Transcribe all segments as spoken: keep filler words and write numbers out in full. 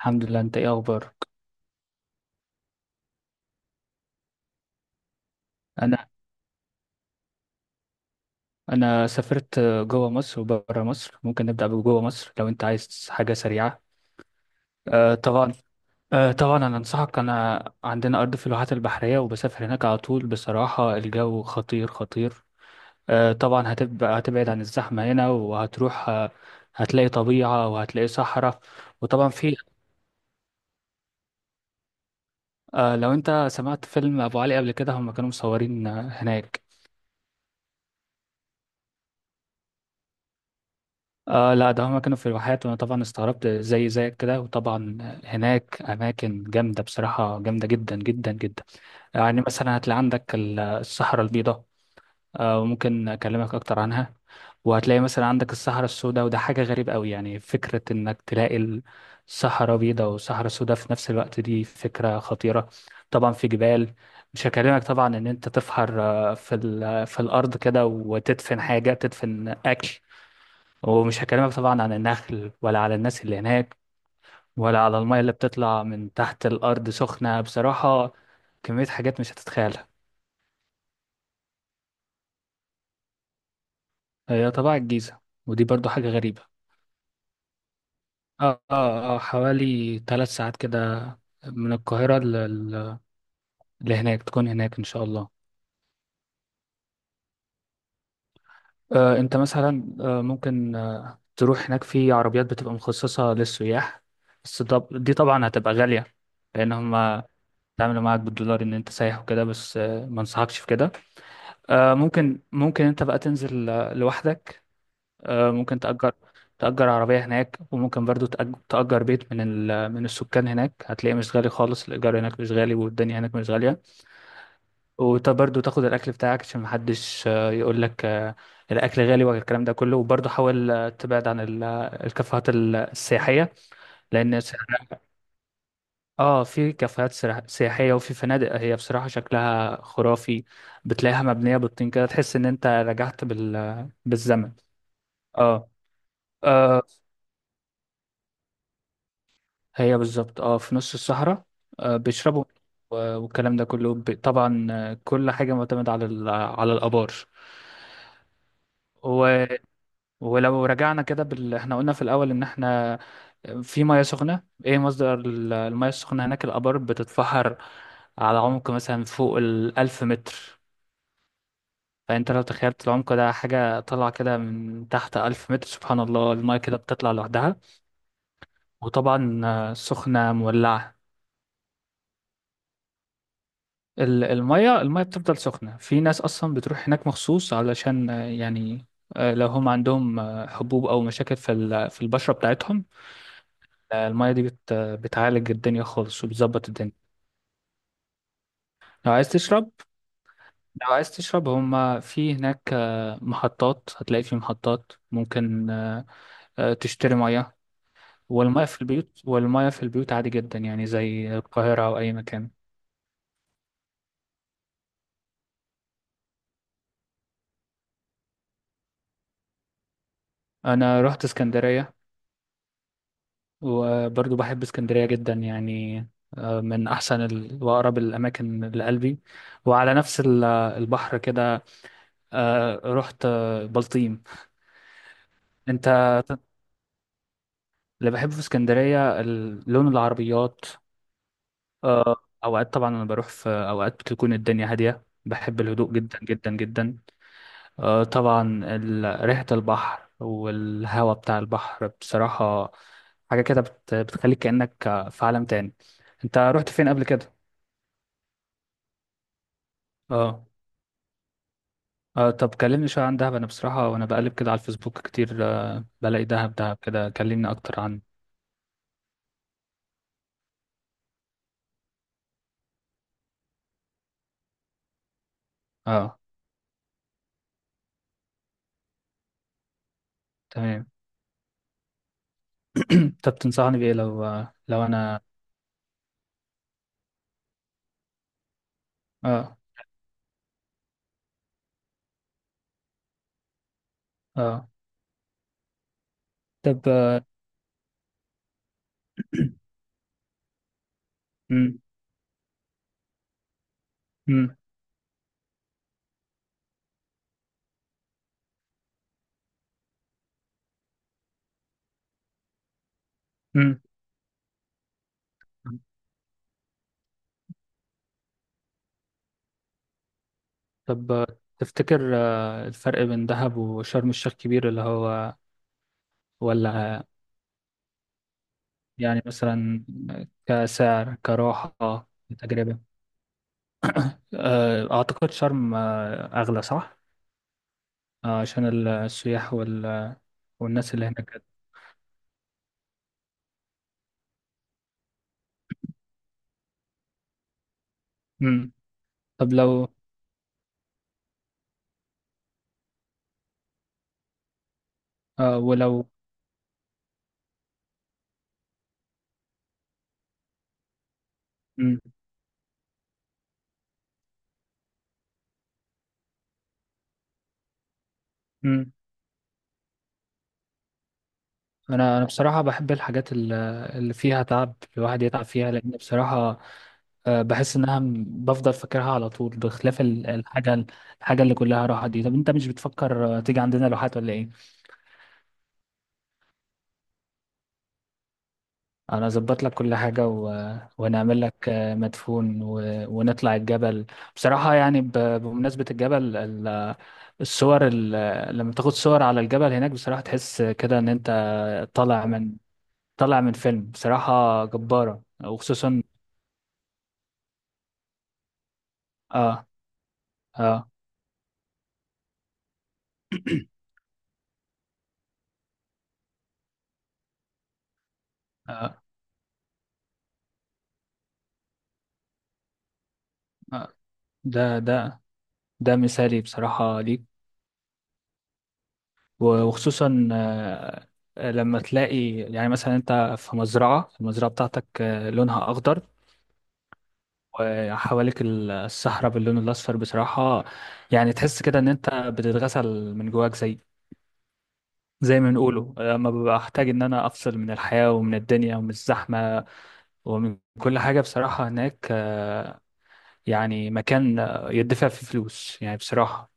الحمد لله، انت ايه اخبارك؟ انا انا سافرت جوه مصر وبره مصر. ممكن نبدا بجوه مصر لو انت عايز حاجه سريعه. آه طبعا. آه طبعا، انا انصحك. انا عندنا ارض في الواحات البحريه، وبسافر هناك على طول. بصراحه الجو خطير خطير. آه طبعا، هتبقى هتبعد عن الزحمه هنا وهتروح آه هتلاقي طبيعه وهتلاقي صحراء. وطبعا في. آه لو انت سمعت فيلم ابو علي قبل كده، هم كانوا مصورين آه، هناك. آه، لا، ده هما كانوا في الواحات، وانا طبعا استغربت زي زيك كده. وطبعا هناك اماكن جامده، بصراحه جامده جدا جدا جدا. يعني مثلا هتلاقي عندك ال- الصحراء البيضاء. آه وممكن اكلمك اكتر عنها. وهتلاقي مثلا عندك الصحراء السوداء، وده حاجه غريبه قوي. يعني فكره انك تلاقي الصحراء بيضاء والصحراء السوداء في نفس الوقت، دي فكره خطيره. طبعا في جبال. مش هكلمك طبعا ان انت تفحر آه، في ال- في الارض كده، وتدفن حاجه تدفن اكل. ومش هكلمك طبعا عن النخل ولا على الناس اللي هناك، ولا على المية اللي بتطلع من تحت الأرض سخنة بصراحة. كمية حاجات مش هتتخيلها. هي طبعا الجيزة، ودي برضو حاجة غريبة. اه، اه، اه، حوالي ثلاث ساعات كده. من القاهرة ل- اللي هناك تكون هناك إن شاء الله. آه أنت مثلا آه ممكن آه تروح هناك في عربيات بتبقى مخصصة للسياح. بس طب دي طبعا هتبقى غالية. لأن هما تعملوا معاك بالدولار إن أنت سايح وكده. بس آه ما انصحكش في كده. آه، ممكن ممكن انت بقى تنزل آه، لوحدك. آه، ممكن تأجر تأجر عربية هناك. وممكن برضو تأج- تأجر بيت من ال... من السكان هناك. هتلاقيه مش غالي خالص، الإيجار هناك مش غالي والدنيا هناك مش غالية. وبرضو تاخد الأكل بتاعك عشان محدش آه، يقول لك آه، الأكل غالي والكلام ده كله. وبرضو حاول آه، تبعد عن ال- الكافيهات ال- السياحية. لأن سعرها- اه، في كافيهات سرا- سياحية، وفي فنادق هي بصراحة شكلها خرافي. بتلاقيها مبنية بالطين كده، تحس إن أنت رجعت بال... بالزمن. اه. آه، هي بالظبط اه في نص الصحراء. آه بيشربوا. و- والكلام ده كله ب- طبعا آه، كل حاجة معتمدة على ال- على الآبار. و... ولو رجعنا كده بال... احنا قلنا في الأول إن احنا في مياه سخنة. ايه مصدر ال- المياه السخنة هناك؟ الآبار بتتفحر على عمق مثلا فوق الألف متر. فأنت لو تخيلت العمق ده حاجة طالعة كده من تحت ألف متر، سبحان الله المياه كده بتطلع لوحدها. وطبعا آه، سخنة مولعة. ال- المية المية بتفضل سخنة. في ناس أصلا بتروح هناك مخصوص علشان آه، يعني آه، لو هم عندهم آه، حبوب أو مشاكل في ال- في البشرة بتاعتهم. آه، المية دي بت بتعالج الدنيا خالص وبتظبط الدنيا. لو عايز تشرب لو عايز تشرب، هم في هناك آه، محطات، هتلاقي في محطات، ممكن آه، آه، تشتري مية. والمية في البيوت والمية في البيوت عادي جدا، يعني زي القاهرة أو أي مكان. أنا رحت اسكندرية، وبرضو بحب اسكندرية جدا يعني. آه، من أحسن ال- وأقرب الأماكن لقلبي. وعلى نفس ال- البحر كده. آه، رحت آه، بلطيم. أنت. اللي بحبه في اسكندرية ال- لون العربيات. آه، أوقات طبعا أنا بروح في أوقات بتكون الدنيا هادية، بحب الهدوء جدا جدا جدا. آه، طبعا ال- ريحة البحر والهواء بتاع البحر بصراحة حاجة كده بت- بتخليك كأنك في عالم تاني. أنت رحت فين قبل كده؟ اه. آه طب كلمني شوية عن دهب. أنا بصراحة، وأنا بقلب كده على الفيسبوك كتير آه بلاقي دهب دهب كده. كلمني أكتر عن. اه، تمام. طب تنصحني بإيه لو آه لو أنا. اه، اه. طب آه مم، مم، مم. طب آه، تفتكر آه الفرق بين دهب وشرم الشيخ كبير؟ اللي هو ولا آه، يعني مثلا كسعر، كراحة، كتجربة. آه أعتقد شرم آه أغلى، صح؟ آه عشان السياح وال والناس اللي هناك. مم. طب لو آه ولو. مم. مم. انا انا بصراحه بحب الحاجات ال- اللي فيها تعب، الواحد يتعب فيها لان بصراحه آه، بحس انها م- بفضل فاكرها على طول، بخلاف ال- الحاجه الحاجه اللي كلها راحه دي. طب انت مش بتفكر آه، تيجي عندنا لوحات ولا ايه؟ انا اظبط لك كل حاجه و... ونعمل لك آه، مدفون و... ونطلع الجبل. بصراحه يعني ب... بمناسبه الجبل ال... الصور ال... لما تاخد صور على الجبل هناك بصراحه تحس كده ان انت طالع طلع من فيلم بصراحة جبارة، وخصوصا. اه، اه، اه، آه. ده ده ده مثالي بصراحة ليك. وخصوصا آه لما تلاقي يعني مثلا انت في مزرعة المزرعة بتاعتك آه لونها اخضر. وحواليك الصحراء باللون الاصفر بصراحة. يعني تحس كده ان انت بتتغسل من جواك زي زي ما بنقوله لما ببقى احتاج ان انا افصل من الحياة ومن الدنيا ومن الزحمة ومن كل حاجة. بصراحة هناك آه، يعني مكان آه، يدفع فيه فلوس يعني بصراحة.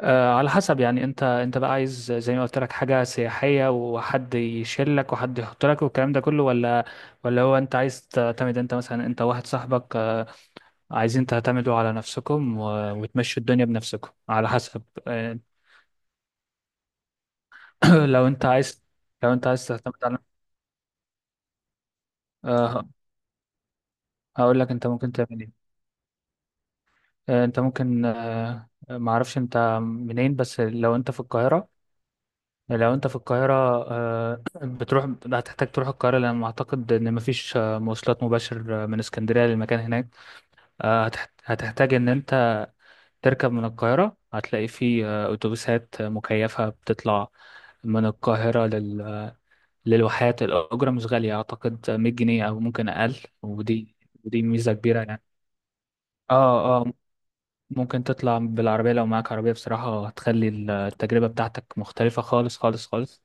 آه، على حسب، يعني انت انت بقى عايز زي ما قلت لك حاجة سياحية، وحد يشيلك وحد يحط لك والكلام ده كله، ولا ولا هو انت عايز تعتمد؟ انت مثلا انت واحد صاحبك آه، عايزين تعتمدوا على نفسكم و- وتمشوا الدنيا بنفسكم، على حسب. آه، لو انت عايز لو انت عايز تعتمد على. آه، هقول لك انت ممكن تعمل ايه. آه، انت ممكن آه، ما اعرفش انت منين، بس لو انت في القاهرة لو انت في القاهرة آه، بتروح. هتحتاج تروح القاهرة لأن أعتقد إن مفيش آه، مواصلات مباشر آه، من اسكندرية للمكان هناك. آه، هتح- هتحتاج إن انت تركب من القاهرة، هتلاقي في آه، أتوبيسات مكيفة بتطلع من القاهرة لل... للواحات. الأجرة مش غالية، أعتقد مية جنيه أو ممكن أقل. ودي ودي ميزة كبيرة يعني. اه، اه، ممكن تطلع بالعربية لو معاك عربية، بصراحة هتخلي التجربة بتاعتك مختلفة خالص خالص خالص.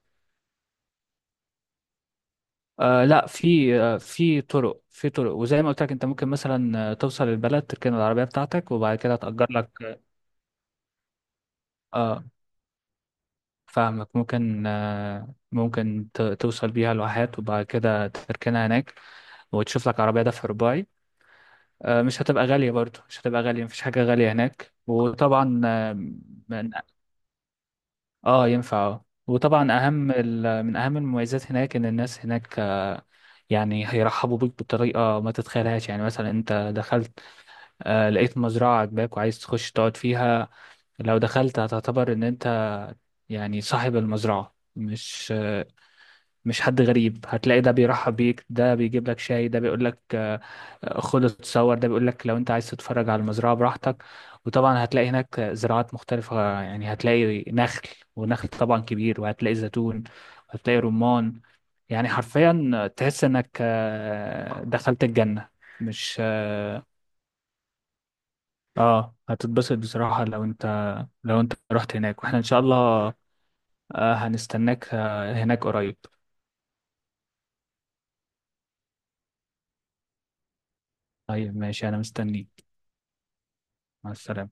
آه لا، في آه في طرق في طرق، وزي ما قلت لك انت ممكن مثلا آه، توصل البلد، تركن العربية بتاعتك وبعد كده تأجر لك. اه، فاهمك. ممكن آه ممكن ت- توصل بيها لواحات وبعد كده تركنها هناك، وتشوف لك عربية دفع رباعي. آه مش هتبقى غالية، برضو مش هتبقى غالية، مفيش حاجة غالية هناك. وطبعا آه من- آه، ينفع اه، وطبعا اهم ال- من اهم المميزات هناك ان الناس هناك آه، يعني هيرحبوا بيك بطريقه ما تتخيلهاش. يعني مثلا انت دخلت آه، لقيت مزرعة عجباك وعايز تخش تقعد فيها. لو دخلت هتعتبر ان انت يعني صاحب المزرعة مش آه، مش حد غريب. هتلاقي ده بيرحب بيك، ده بيجيب لك شاي، ده بيقول لك آه، آه، خد اتصور، ده بيقول لك لو انت عايز تتفرج على المزرعة براحتك. وطبعا هتلاقي هناك زراعات مختلفة، يعني هتلاقي نخل، ونخل طبعا كبير، وهتلاقي زيتون وهتلاقي رمان. يعني حرفيا تحس انك آه، دخلت الجنة. مش. اه. آه، هتتبسط بصراحة لو انت لو انت رحت هناك، واحنا ان شاء الله آه، هنستناك آه، هناك قريب. طيب، ماشي، انا مستنيك. مع السلامة.